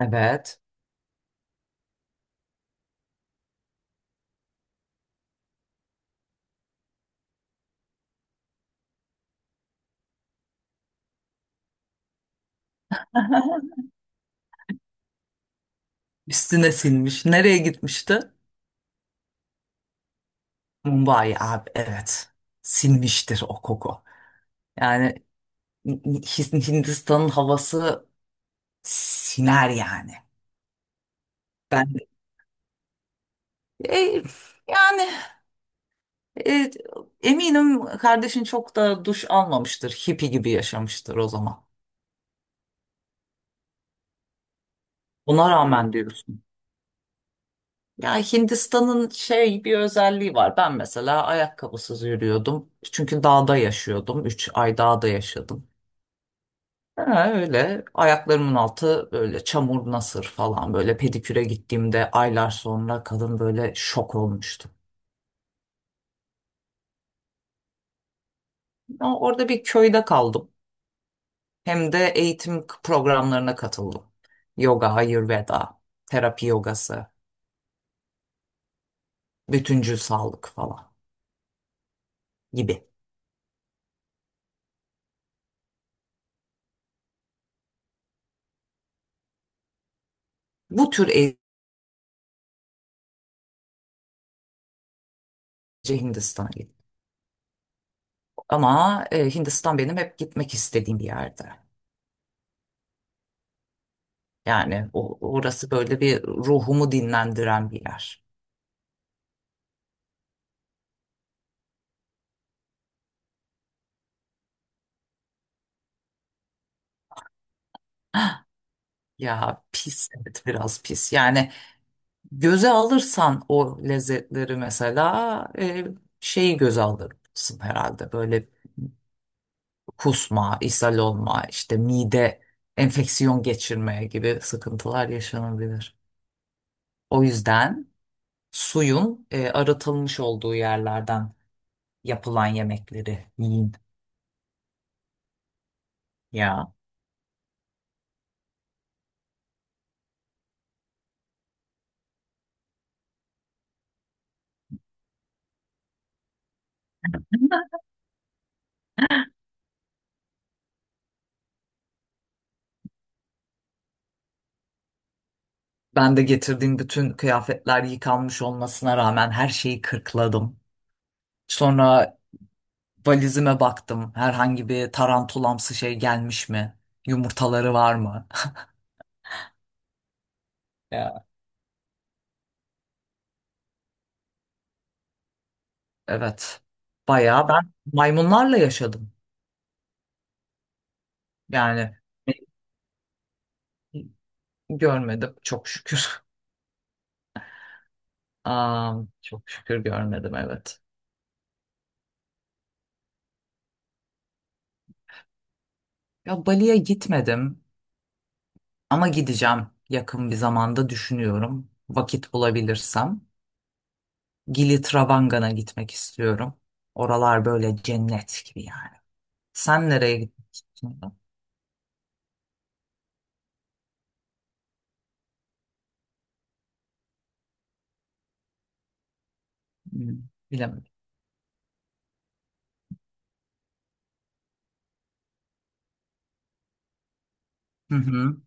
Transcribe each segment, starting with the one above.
Evet. Üstüne sinmiş. Nereye gitmişti? Mumbai abi evet. Sinmiştir o koku. Yani Hindistan'ın havası siner yani. Ben E, yani e, eminim kardeşin çok da duş almamıştır. Hippie gibi yaşamıştır o zaman. Ona rağmen diyorsun. Ya Hindistan'ın şey bir özelliği var. Ben mesela ayakkabısız yürüyordum. Çünkü dağda yaşıyordum. 3 ay dağda yaşadım. Ha, öyle ayaklarımın altı böyle çamur nasır falan böyle pediküre gittiğimde aylar sonra kadın böyle şok olmuştu. Ama orada bir köyde kaldım. Hem de eğitim programlarına katıldım. Yoga, Ayurveda, terapi yogası, bütüncül sağlık falan gibi. Bu tür eğitimce Hindistan'a gittim. Ama Hindistan benim hep gitmek istediğim bir yerde. Yani orası böyle bir ruhumu dinlendiren bir yer. Ya pis, evet, biraz pis. Yani göze alırsan o lezzetleri, mesela şeyi göze alırsın herhalde. Böyle kusma, ishal olma, işte mide enfeksiyon geçirmeye gibi sıkıntılar yaşanabilir. O yüzden suyun arıtılmış olduğu yerlerden yapılan yemekleri yiyin ya. Ben de getirdiğim bütün kıyafetler yıkanmış olmasına rağmen her şeyi kırkladım. Sonra valizime baktım. Herhangi bir tarantulamsı şey gelmiş mi? Yumurtaları var mı? Ya. Evet. Bayağı ben maymunlarla yaşadım. Yani görmedim çok şükür. Aa, çok şükür görmedim, evet. Ya Bali'ye gitmedim ama gideceğim, yakın bir zamanda düşünüyorum. Vakit bulabilirsem. Gili Travanga'na gitmek istiyorum. Oralar böyle cennet gibi yani. Sen nereye gitmek gittin? Bilemedim. Hı hı.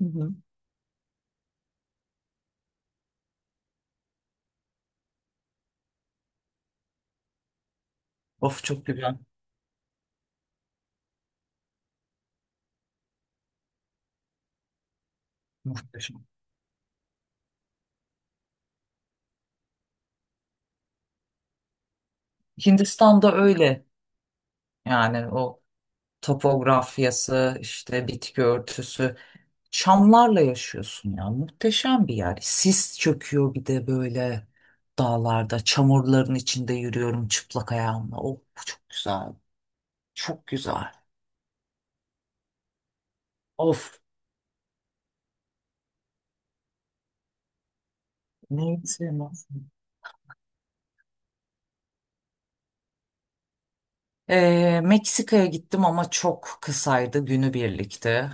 Hı hı. Of, çok güzel. Muhteşem. Hindistan'da öyle. Yani o topografyası, işte bitki örtüsü. Çamlarla yaşıyorsun ya. Muhteşem bir yer. Sis çöküyor bir de böyle dağlarda. Çamurların içinde yürüyorum çıplak ayağımla. Of, çok güzel. Çok güzel. Of. Neyi sevmez? Meksika'ya gittim ama çok kısaydı, günübirlikti.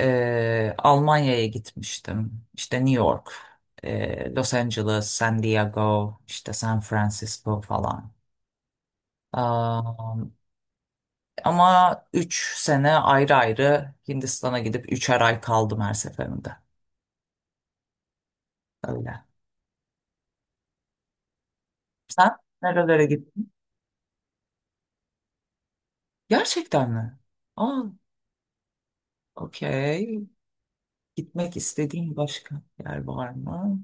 Almanya'ya gitmiştim. İşte New York, Los Angeles, San Diego, işte San Francisco falan. Aa, ama 3 sene ayrı ayrı Hindistan'a gidip 3'er ay kaldım her seferinde. Öyle. Sen nerelere gittin? Gerçekten mi? Aa, okey. Gitmek istediğin başka yer var mı?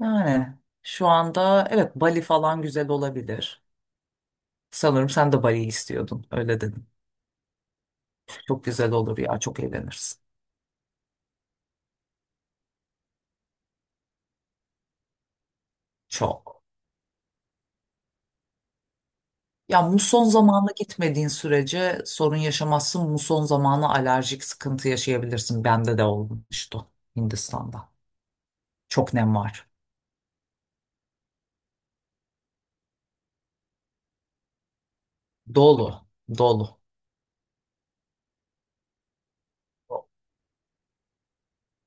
Yani şu anda evet, Bali falan güzel olabilir. Sanırım sen de Bali'yi istiyordun. Öyle dedim. Çok güzel olur ya. Çok eğlenirsin. Çok. Ya muson zamanı gitmediğin sürece sorun yaşamazsın. Muson zamanı alerjik sıkıntı yaşayabilirsin. Bende de olmuştu Hindistan'da. Çok nem var. Dolu. Dolu.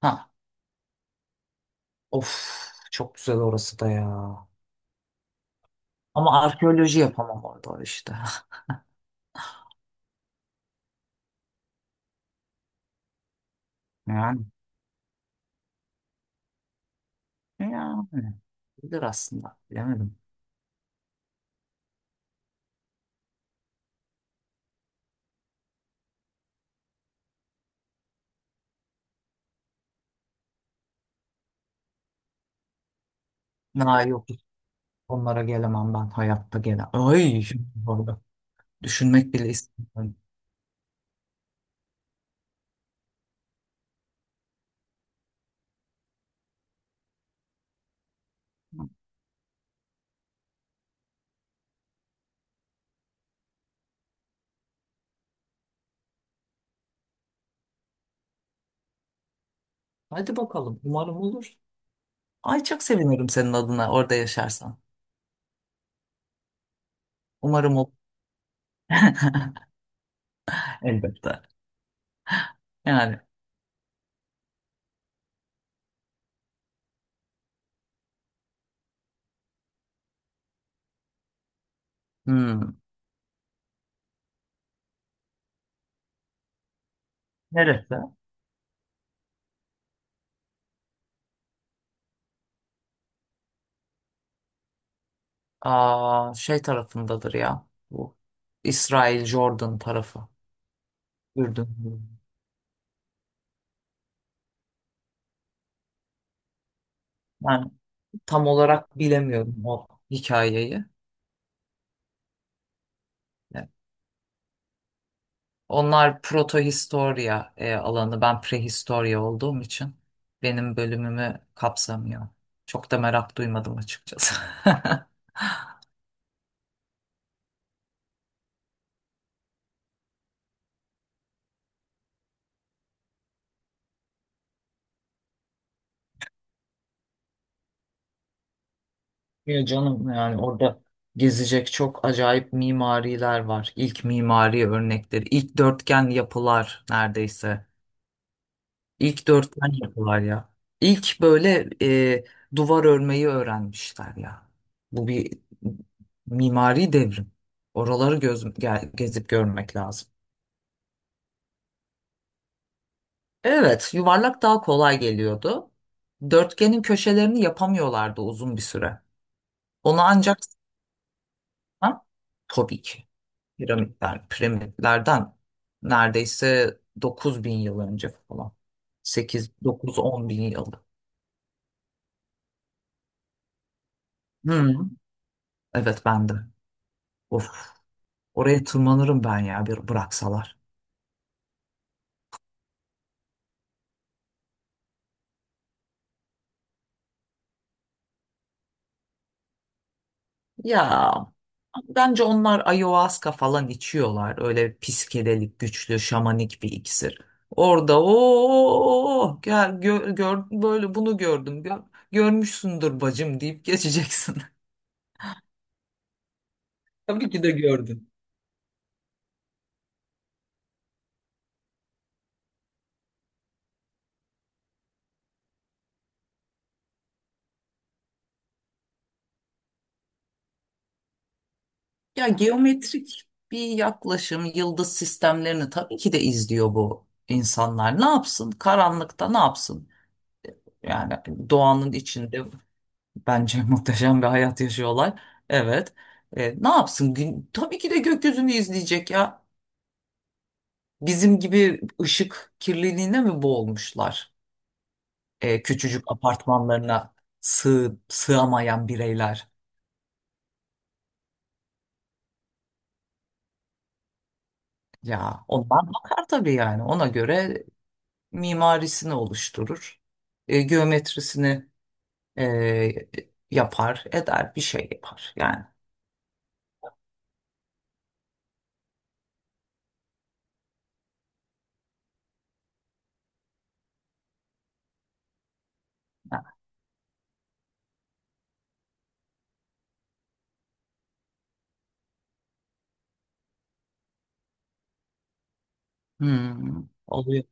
Ha. Of. Çok güzel orası da ya. Ama arkeoloji yapamam orada işte. Yani. Yani. Bilir aslında. Bilemedim. Ha, yok. Onlara gelemem ben, hayatta gelemem. Ay, şimdi orada. Düşünmek bile istemiyorum. Hadi bakalım. Umarım olur. Ay, çok sevinirim senin adına orada yaşarsan. Umarım olur. Elbette. Yani. Hmm. Neresi? Aa, şey tarafındadır ya. Bu İsrail Jordan tarafı. Ürdün. Ben tam olarak bilemiyorum o hikayeyi. Onlar protohistorya alanı. Ben prehistorya olduğum için benim bölümümü kapsamıyor. Çok da merak duymadım açıkçası. Ya canım, yani orada gezecek çok acayip mimariler var. İlk mimari örnekleri, ilk dörtgen yapılar neredeyse. İlk dörtgen yapılar ya. İlk böyle e, duvar örmeyi öğrenmişler ya. Bu bir mimari devrim. Oraları gezip görmek lazım. Evet, yuvarlak daha kolay geliyordu. Dörtgenin köşelerini yapamıyorlardı uzun bir süre. Onu ancak. Ha? Tabii ki piramitlerden neredeyse 9 bin yıl önce falan. 8, 9, 10 bin yıl. Hı. Evet, ben de. Of, oraya tırmanırım ben ya, bir bıraksalar. Ya, bence onlar ayahuasca falan içiyorlar. Öyle psikedelik, güçlü şamanik bir iksir. Orada o gel gör, böyle bunu gördüm. Görmüşsündür bacım deyip geçeceksin. Tabii ki de gördün. Ya, geometrik bir yaklaşım, yıldız sistemlerini tabii ki de izliyor bu insanlar. Ne yapsın? Karanlıkta ne yapsın? Yani doğanın içinde, bence muhteşem bir hayat yaşıyorlar. Evet. Ne yapsın? Gün, tabii ki de gökyüzünü izleyecek ya. Bizim gibi ışık kirliliğine mi boğulmuşlar? Küçücük apartmanlarına sığamayan bireyler. Ya ondan bakar tabii yani. Ona göre mimarisini oluşturur. Geometrisini e, yapar, eder, bir şey yapar. Yani. Ha. Hmm, oluyor.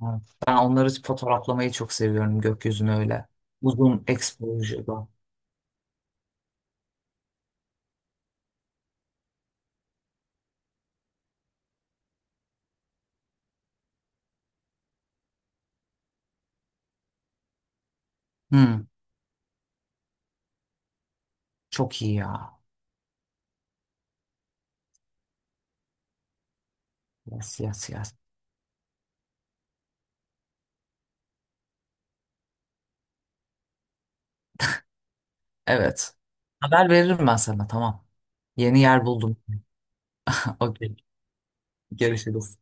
Ha, ben onları fotoğraflamayı çok seviyorum, gökyüzünü öyle. Uzun exposure'da. Hmm, çok iyi ya. Yes, yes, yes. Evet. Haber veririm ben sana, tamam. Yeni yer buldum. Okey. Görüşürüz.